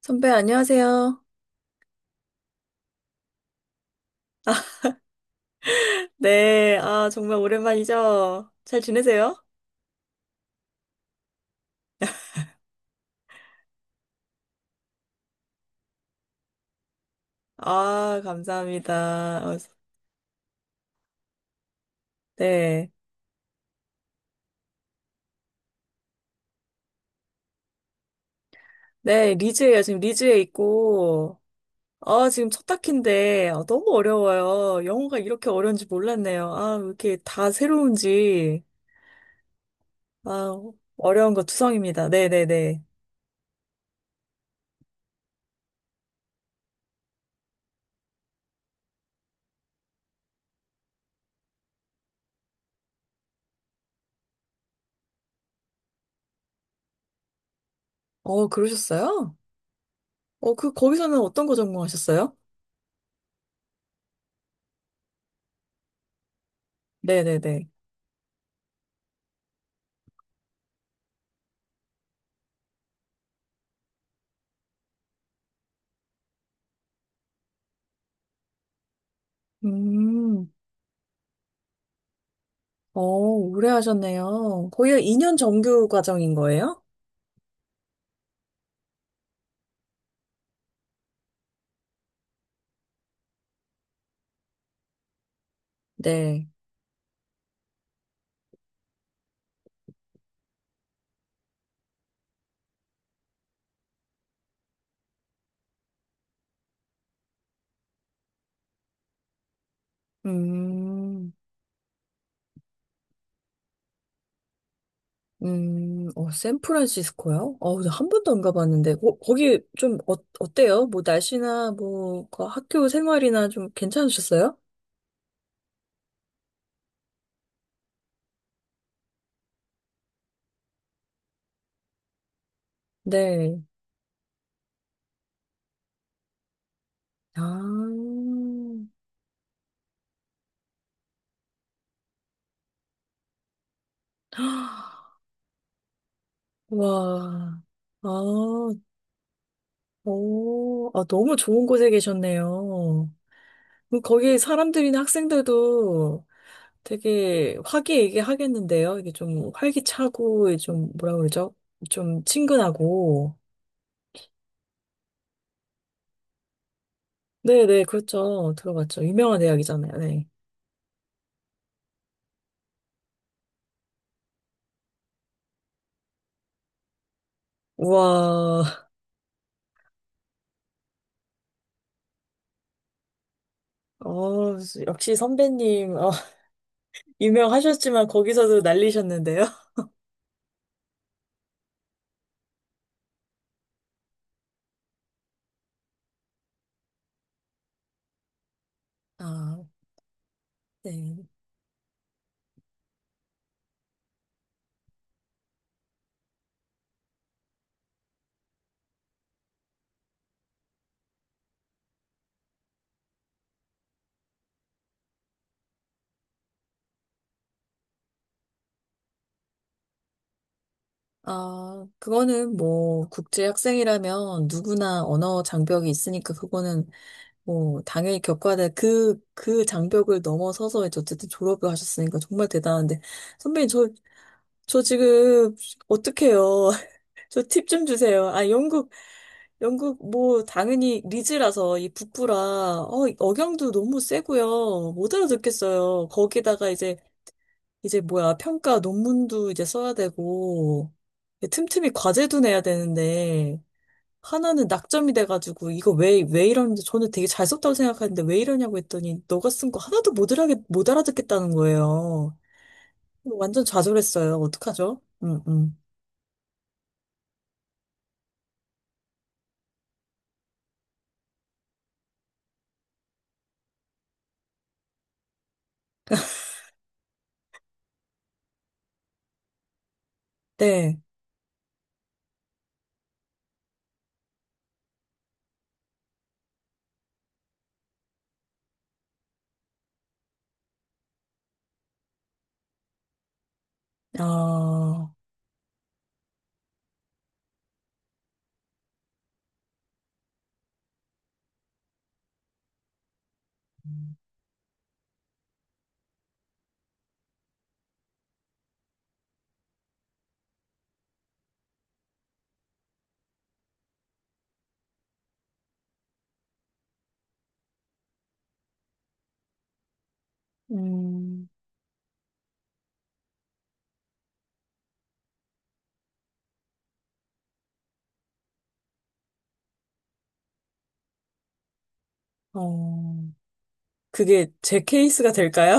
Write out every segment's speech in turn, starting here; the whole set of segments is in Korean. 선배, 안녕하세요. 네, 아, 정말 오랜만이죠? 잘 지내세요? 아, 감사합니다. 어, 네. 네, 리즈예요. 지금 리즈에 있고, 아, 지금 첫 학기인데, 아, 너무 어려워요. 영어가 이렇게 어려운지 몰랐네요. 아, 왜 이렇게 다 새로운지, 아, 어려운 거 투성입니다. 네네네. 어, 그러셨어요? 어, 그, 거기서는 어떤 거 전공하셨어요? 네네네. 음, 어, 오래 하셨네요. 거의 2년 정규 과정인 거예요? 네. 음, 어, 샌프란시스코요? 어, 나한 번도 안 가봤는데, 거기 좀 어, 어때요? 뭐 날씨나 뭐 그 학교 생활이나 좀 괜찮으셨어요? 네. 아, 와, 아, 오, 아, 너무 좋은 곳에 계셨네요. 그럼 거기 사람들이나 학생들도 되게 화기애애하겠는데요? 이게 좀 활기차고, 좀 뭐라 그러죠? 좀 친근하고. 네네, 그렇죠. 들어봤죠. 유명한 대학이잖아요. 네. 우와, 어, 역시 선배님, 어, 유명하셨지만 거기서도 날리셨는데요. 아, 네. 아, 그거는 뭐, 국제 학생이라면 누구나 언어 장벽이 있으니까 그거는 뭐, 당연히 겪어야 될 그 장벽을 넘어서서 이제 어쨌든 졸업을 하셨으니까 정말 대단한데. 선배님, 저 지금 어떡해요. 저 팁 좀 주세요. 아, 영국 뭐 당연히 리즈라서 이 북부라 어, 억양도 너무 세고요. 못 알아듣겠어요. 거기다가 이제 뭐야 평가 논문도 이제 써야 되고 틈틈이 과제도 내야 되는데 하나는 낙점이 돼가지고 이거 왜 이러는데 저는 되게 잘 썼다고 생각하는데 왜 이러냐고 했더니 너가 쓴 거 하나도 못 알아듣겠다는 거예요. 완전 좌절했어요. 어떡하죠? 네. 아, 음, 어. 그게 제 케이스가 될까요?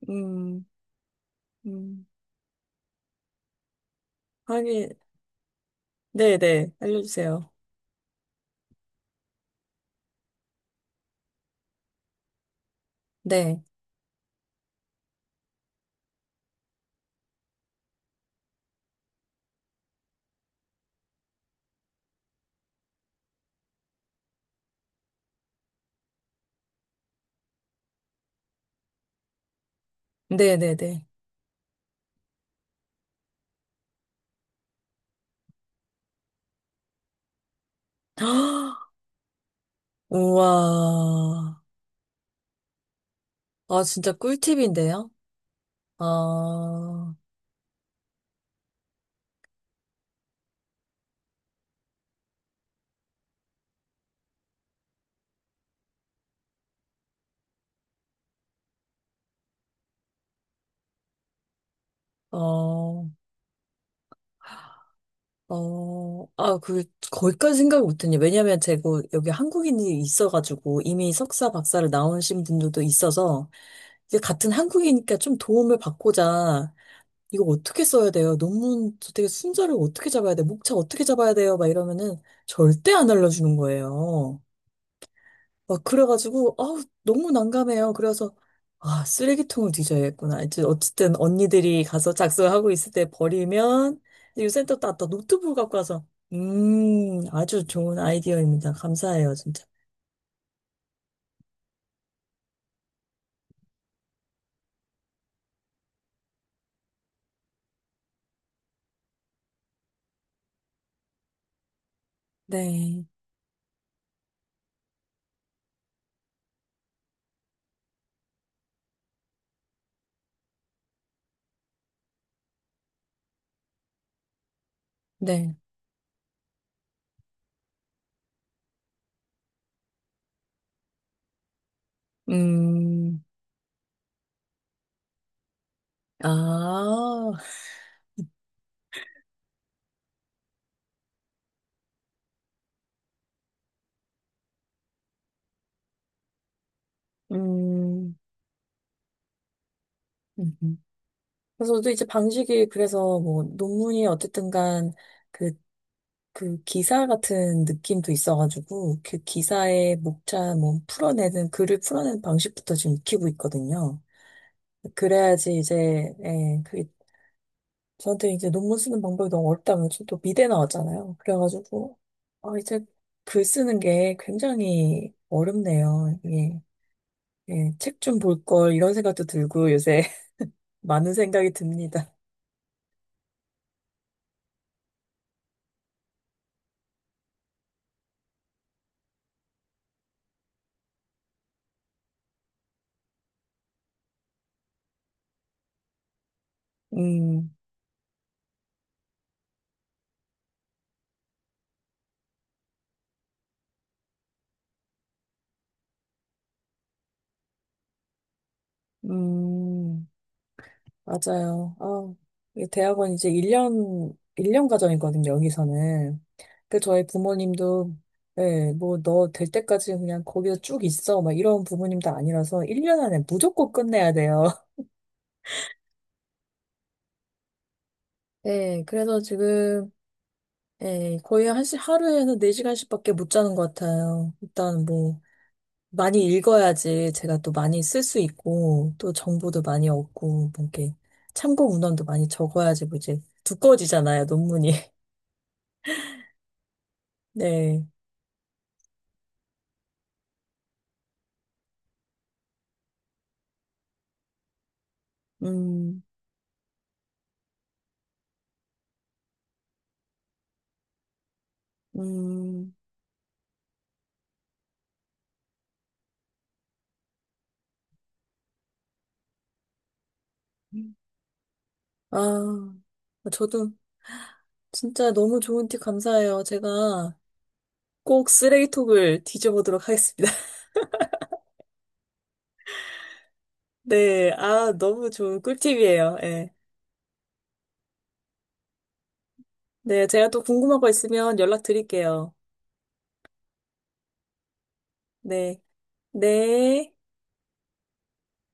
음, 음, 하긴, 네네, 알려주세요. 네, 네네네. 우와. 아, 진짜 꿀팁인데요? 아, 어, 어, 아, 그, 거기까지 생각 못했네. 왜냐면 제가 뭐 여기 한국인이 있어가지고 이미 석사, 박사를 나오신 분들도 있어서 이게 같은 한국이니까 좀 도움을 받고자 이거 어떻게 써야 돼요? 논문 저 되게 순서를 어떻게 잡아야 돼? 목차 어떻게 잡아야 돼요? 막 이러면은 절대 안 알려주는 거예요. 막 그래가지고 아우 너무 난감해요. 그래서 아 쓰레기통을 뒤져야겠구나. 이제 어쨌든 언니들이 가서 작성하고 있을 때 버리면 이 센터 또아 노트북 갖고 와서 아주 좋은 아이디어입니다. 감사해요 진짜. 네, 네, 음, 아, 음. 그래서 저도 이제 방식이 그래서 뭐 논문이 어쨌든 간 그, 그 기사 같은 느낌도 있어가지고 그 기사의 목차 뭐 풀어내는 글을 풀어내는 방식부터 지금 익히고 있거든요. 그래야지 이제 예, 그 저한테 이제 논문 쓰는 방법이 너무 어렵다면 저또 미대 나왔잖아요. 그래가지고 아 이제 글 쓰는 게 굉장히 어렵네요. 이게 예, 책 좀 볼 걸 이런 생각도 들고 요새 많은 생각이 듭니다. 음, 음. 맞아요. 아, 이 대학원 이제 1년, 1년 과정이거든요, 여기서는. 그 저희 부모님도, 예, 뭐, 너 될 때까지 그냥 거기서 쭉 있어. 막 이런 부모님도 아니라서 1년 안에 무조건 끝내야 돼요. 네. 그래서 지금, 예, 거의 하루에는 4시간씩밖에 못 자는 것 같아요. 일단 뭐, 많이 읽어야지 제가 또 많이 쓸 수 있고, 또 정보도 많이 얻고, 뭐 이렇게 참고 문헌도 많이 적어야지 뭐 이제 두꺼워지잖아요, 논문이. 네. 음, 음. 아, 저도 진짜 너무 좋은 팁 감사해요. 제가 꼭 쓰레기톡을 뒤져보도록 하겠습니다. 네, 아, 너무 좋은 꿀팁이에요. 예. 네, 제가 또 궁금한 거 있으면 연락드릴게요. 네, 네.